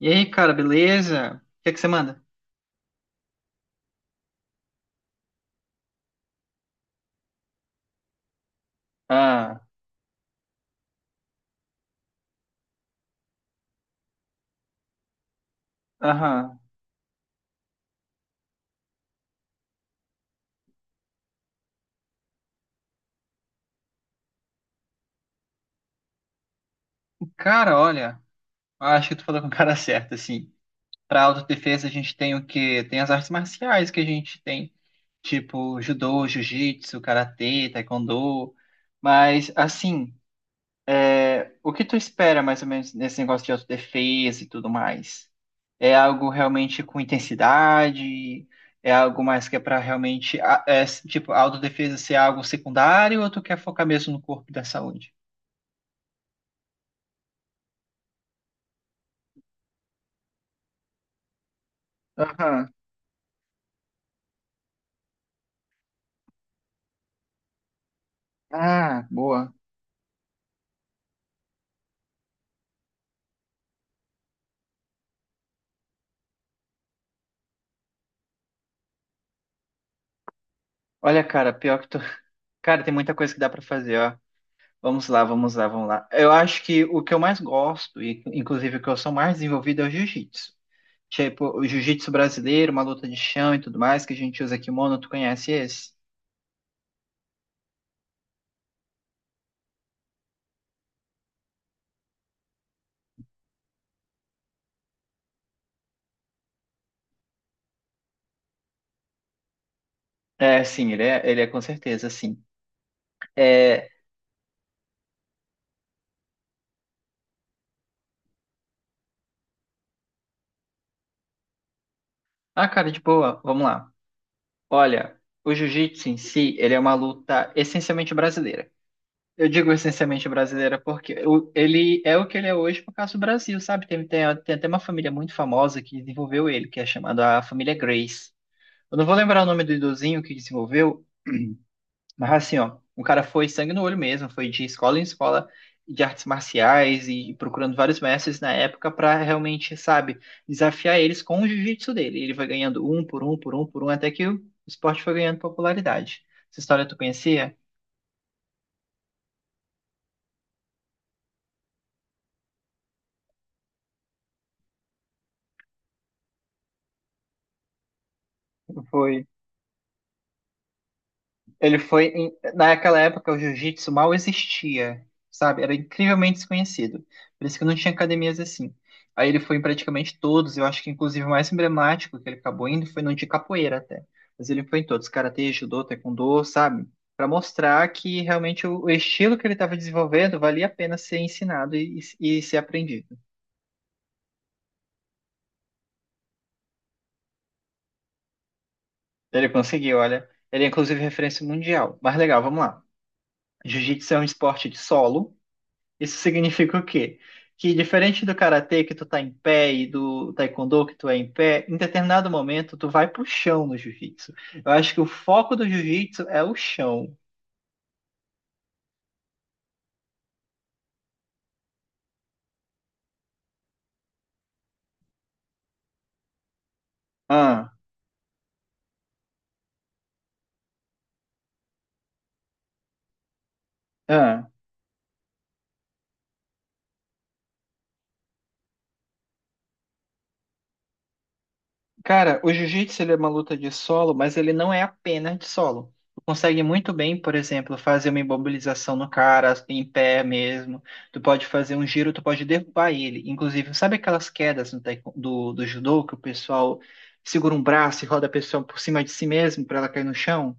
E aí, cara, beleza? O que é que você manda? Ah, aham. Cara, olha, acho que tu falou com o cara certo, assim. Pra autodefesa a gente tem o quê? Tem as artes marciais que a gente tem, tipo judô, jiu-jitsu, karatê, taekwondo. Mas, assim, é, o que tu espera mais ou menos nesse negócio de autodefesa e tudo mais? É algo realmente com intensidade? É algo mais que é pra realmente, tipo, a autodefesa ser algo secundário ou tu quer focar mesmo no corpo e da saúde? Aham. Ah, boa. Olha, cara, pior que tu. Cara, tem muita coisa que dá pra fazer, ó. Vamos lá, vamos lá, vamos lá. Eu acho que o que eu mais gosto, e inclusive o que eu sou mais desenvolvido é o jiu-jitsu. Tipo, o jiu-jitsu brasileiro, uma luta de chão e tudo mais, que a gente usa kimono, tu conhece esse? É, sim, ele é com certeza, sim. É... Ah, cara, de boa, vamos lá. Olha, o jiu-jitsu em si, ele é uma luta essencialmente brasileira. Eu digo essencialmente brasileira porque ele é o que ele é hoje por causa do Brasil, sabe? Tem até uma família muito famosa que desenvolveu ele, que é chamada a família Grace. Eu não vou lembrar o nome do idosinho que desenvolveu, mas assim, ó, o cara foi sangue no olho mesmo, foi de escola em escola de artes marciais e procurando vários mestres na época para realmente, sabe, desafiar eles com o jiu-jitsu dele. Ele vai ganhando um por um, por um, por um, até que o esporte foi ganhando popularidade. Essa história tu conhecia? Foi. Ele foi. Naquela época, o jiu-jitsu mal existia, sabe? Era incrivelmente desconhecido. Por isso que não tinha academias assim. Aí ele foi em praticamente todos. Eu acho que, inclusive, o mais emblemático que ele acabou indo foi no de capoeira até. Mas ele foi em todos: karatê, judô, taekwondo, sabe? Para mostrar que realmente o estilo que ele estava desenvolvendo valia a pena ser ensinado e ser aprendido. Ele conseguiu, olha. Ele é, inclusive, referência mundial. Mas legal, vamos lá. Jiu-jitsu é um esporte de solo. Isso significa o quê? Que diferente do karatê que tu tá em pé e do taekwondo que tu é em pé, em determinado momento tu vai pro chão no jiu-jitsu. Eu acho que o foco do jiu-jitsu é o chão. Ah, ah. Cara, o jiu-jitsu ele é uma luta de solo, mas ele não é apenas de solo. Tu consegue muito bem, por exemplo, fazer uma imobilização no cara, em pé mesmo. Tu pode fazer um giro, tu pode derrubar ele. Inclusive, sabe aquelas quedas no taekw- do judô que o pessoal segura um braço e roda a pessoa por cima de si mesmo para ela cair no chão?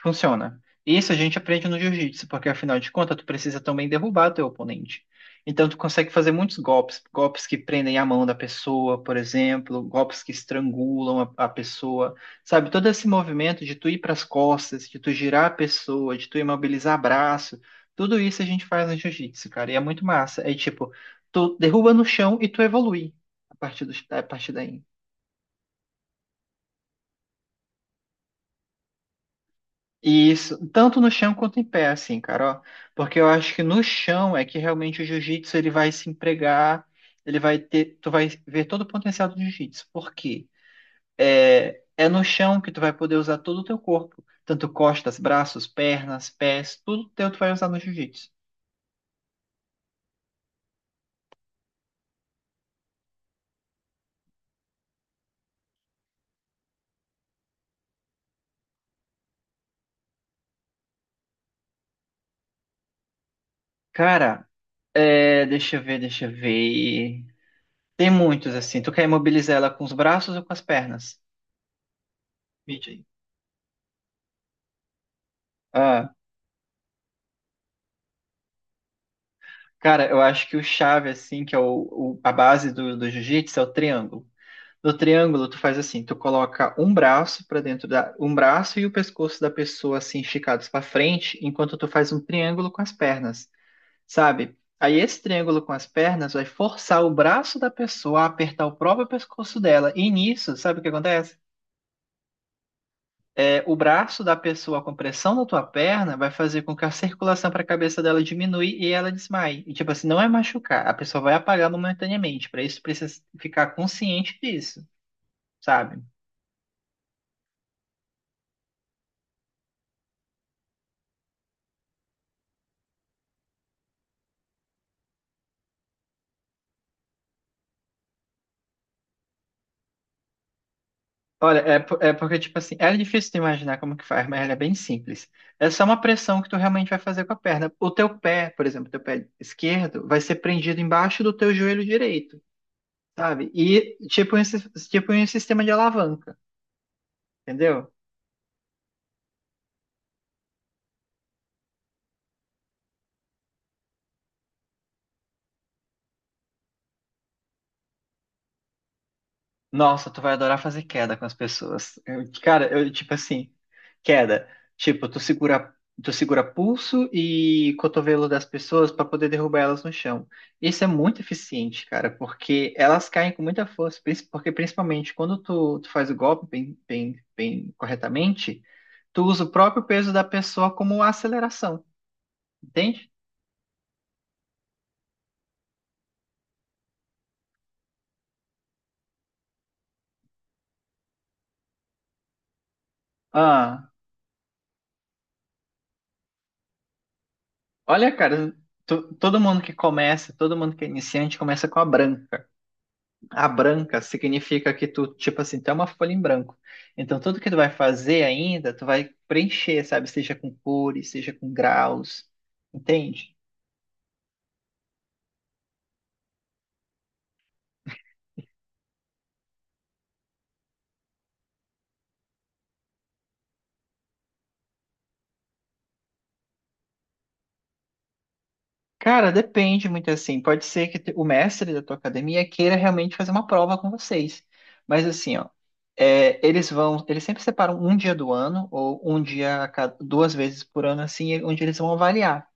Funciona. Isso a gente aprende no jiu-jitsu, porque afinal de contas, tu precisa também derrubar teu oponente. Então, tu consegue fazer muitos golpes, golpes que prendem a mão da pessoa, por exemplo, golpes que estrangulam a pessoa, sabe? Todo esse movimento de tu ir para as costas, de tu girar a pessoa, de tu imobilizar braço, tudo isso a gente faz no jiu-jitsu, cara, e é muito massa. É tipo, tu derruba no chão e tu evolui a partir daí. Isso, tanto no chão quanto em pé, assim, cara, ó. Porque eu acho que no chão é que realmente o jiu-jitsu ele vai se empregar, tu vai ver todo o potencial do jiu-jitsu. Por quê? É no chão que tu vai poder usar todo o teu corpo, tanto costas, braços, pernas, pés, tudo teu tu vai usar no jiu-jitsu. Cara, é, deixa eu ver, deixa eu ver. Tem muitos assim. Tu quer imobilizar ela com os braços ou com as pernas? Vídeo aí. Ah, cara, eu acho que o chave, assim, que é a base do jiu-jitsu é o triângulo. No triângulo, tu faz assim, tu coloca um braço um braço e o pescoço da pessoa assim esticados para frente, enquanto tu faz um triângulo com as pernas, sabe? Aí esse triângulo com as pernas vai forçar o braço da pessoa a apertar o próprio pescoço dela. E nisso, sabe o que acontece? O braço da pessoa com pressão na tua perna vai fazer com que a circulação para a cabeça dela diminui e ela desmaie. E, tipo assim, não é machucar, a pessoa vai apagar momentaneamente. Para isso, precisa ficar consciente disso, sabe? Olha, é porque, tipo assim, é difícil de imaginar como que faz, mas ela é bem simples. É só uma pressão que tu realmente vai fazer com a perna. O teu pé, por exemplo, teu pé esquerdo, vai ser prendido embaixo do teu joelho direito, sabe? E tipo um sistema de alavanca, entendeu? Nossa, tu vai adorar fazer queda com as pessoas. Cara, eu, tipo assim, queda. Tipo, tu segura pulso e cotovelo das pessoas para poder derrubar elas no chão. Isso é muito eficiente, cara, porque elas caem com muita força, porque principalmente quando tu faz o golpe bem, bem, bem corretamente, tu usa o próprio peso da pessoa como aceleração, entende? Ah, olha, cara, todo mundo que começa, todo mundo que é iniciante começa com a branca. A branca significa que tu, tipo assim, tu é uma folha em branco. Então, tudo que tu vai fazer ainda, tu vai preencher, sabe? Seja com cores, seja com graus, entende? Cara, depende muito assim. Pode ser que o mestre da tua academia queira realmente fazer uma prova com vocês. Mas assim, ó, eles sempre separam um dia do ano, ou um dia a cada, duas vezes por ano, assim, onde eles vão avaliar,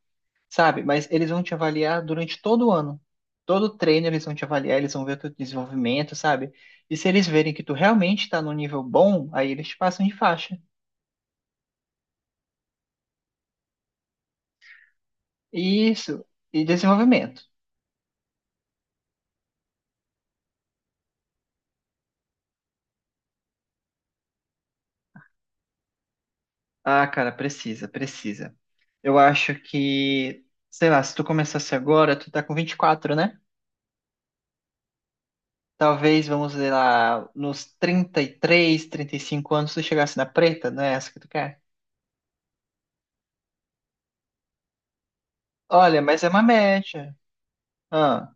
sabe? Mas eles vão te avaliar durante todo o ano. Todo treino eles vão te avaliar, eles vão ver o teu desenvolvimento, sabe? E se eles verem que tu realmente está num nível bom, aí eles te passam de faixa. Isso, e desenvolvimento. Ah, cara, precisa, precisa. Eu acho que, sei lá, se tu começasse agora, tu tá com 24, né? Talvez, vamos dizer lá, nos 30, 33, 35 anos, tu chegasse na preta, não é essa que tu quer? Olha, mas é uma média. Ah,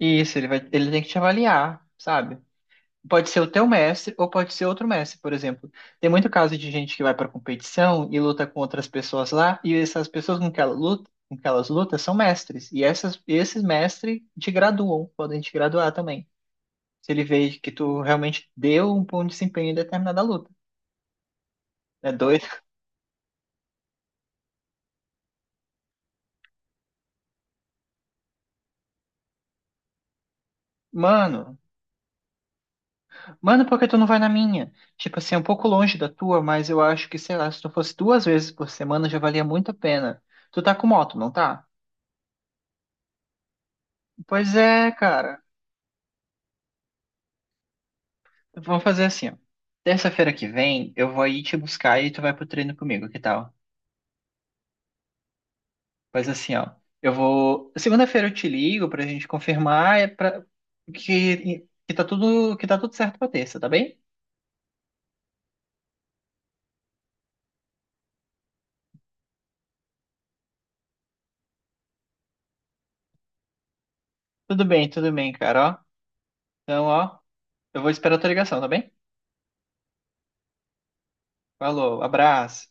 isso, ele tem que te avaliar, sabe? Pode ser o teu mestre ou pode ser outro mestre, por exemplo. Tem muito caso de gente que vai para competição e luta com outras pessoas lá, e essas pessoas com que ela luta, com que elas lutam são mestres. E esses mestres te graduam, podem te graduar também. Se ele vê que tu realmente deu um bom desempenho em determinada luta. É doido. Mano, mano, por que tu não vai na minha? Tipo assim, é um pouco longe da tua, mas eu acho que, sei lá, se tu fosse duas vezes por semana já valia muito a pena. Tu tá com moto, não tá? Pois é, cara. Vamos fazer assim, ó. Terça-feira que vem, eu vou aí te buscar e tu vai pro treino comigo, que tal? Faz assim, ó. Eu vou. Segunda-feira eu te ligo pra gente confirmar é pra... que... que tá tudo certo pra terça, tá bem? Tudo bem, tudo bem, cara, ó. Então, ó, eu vou esperar a tua ligação, tá bem? Falou, abraço.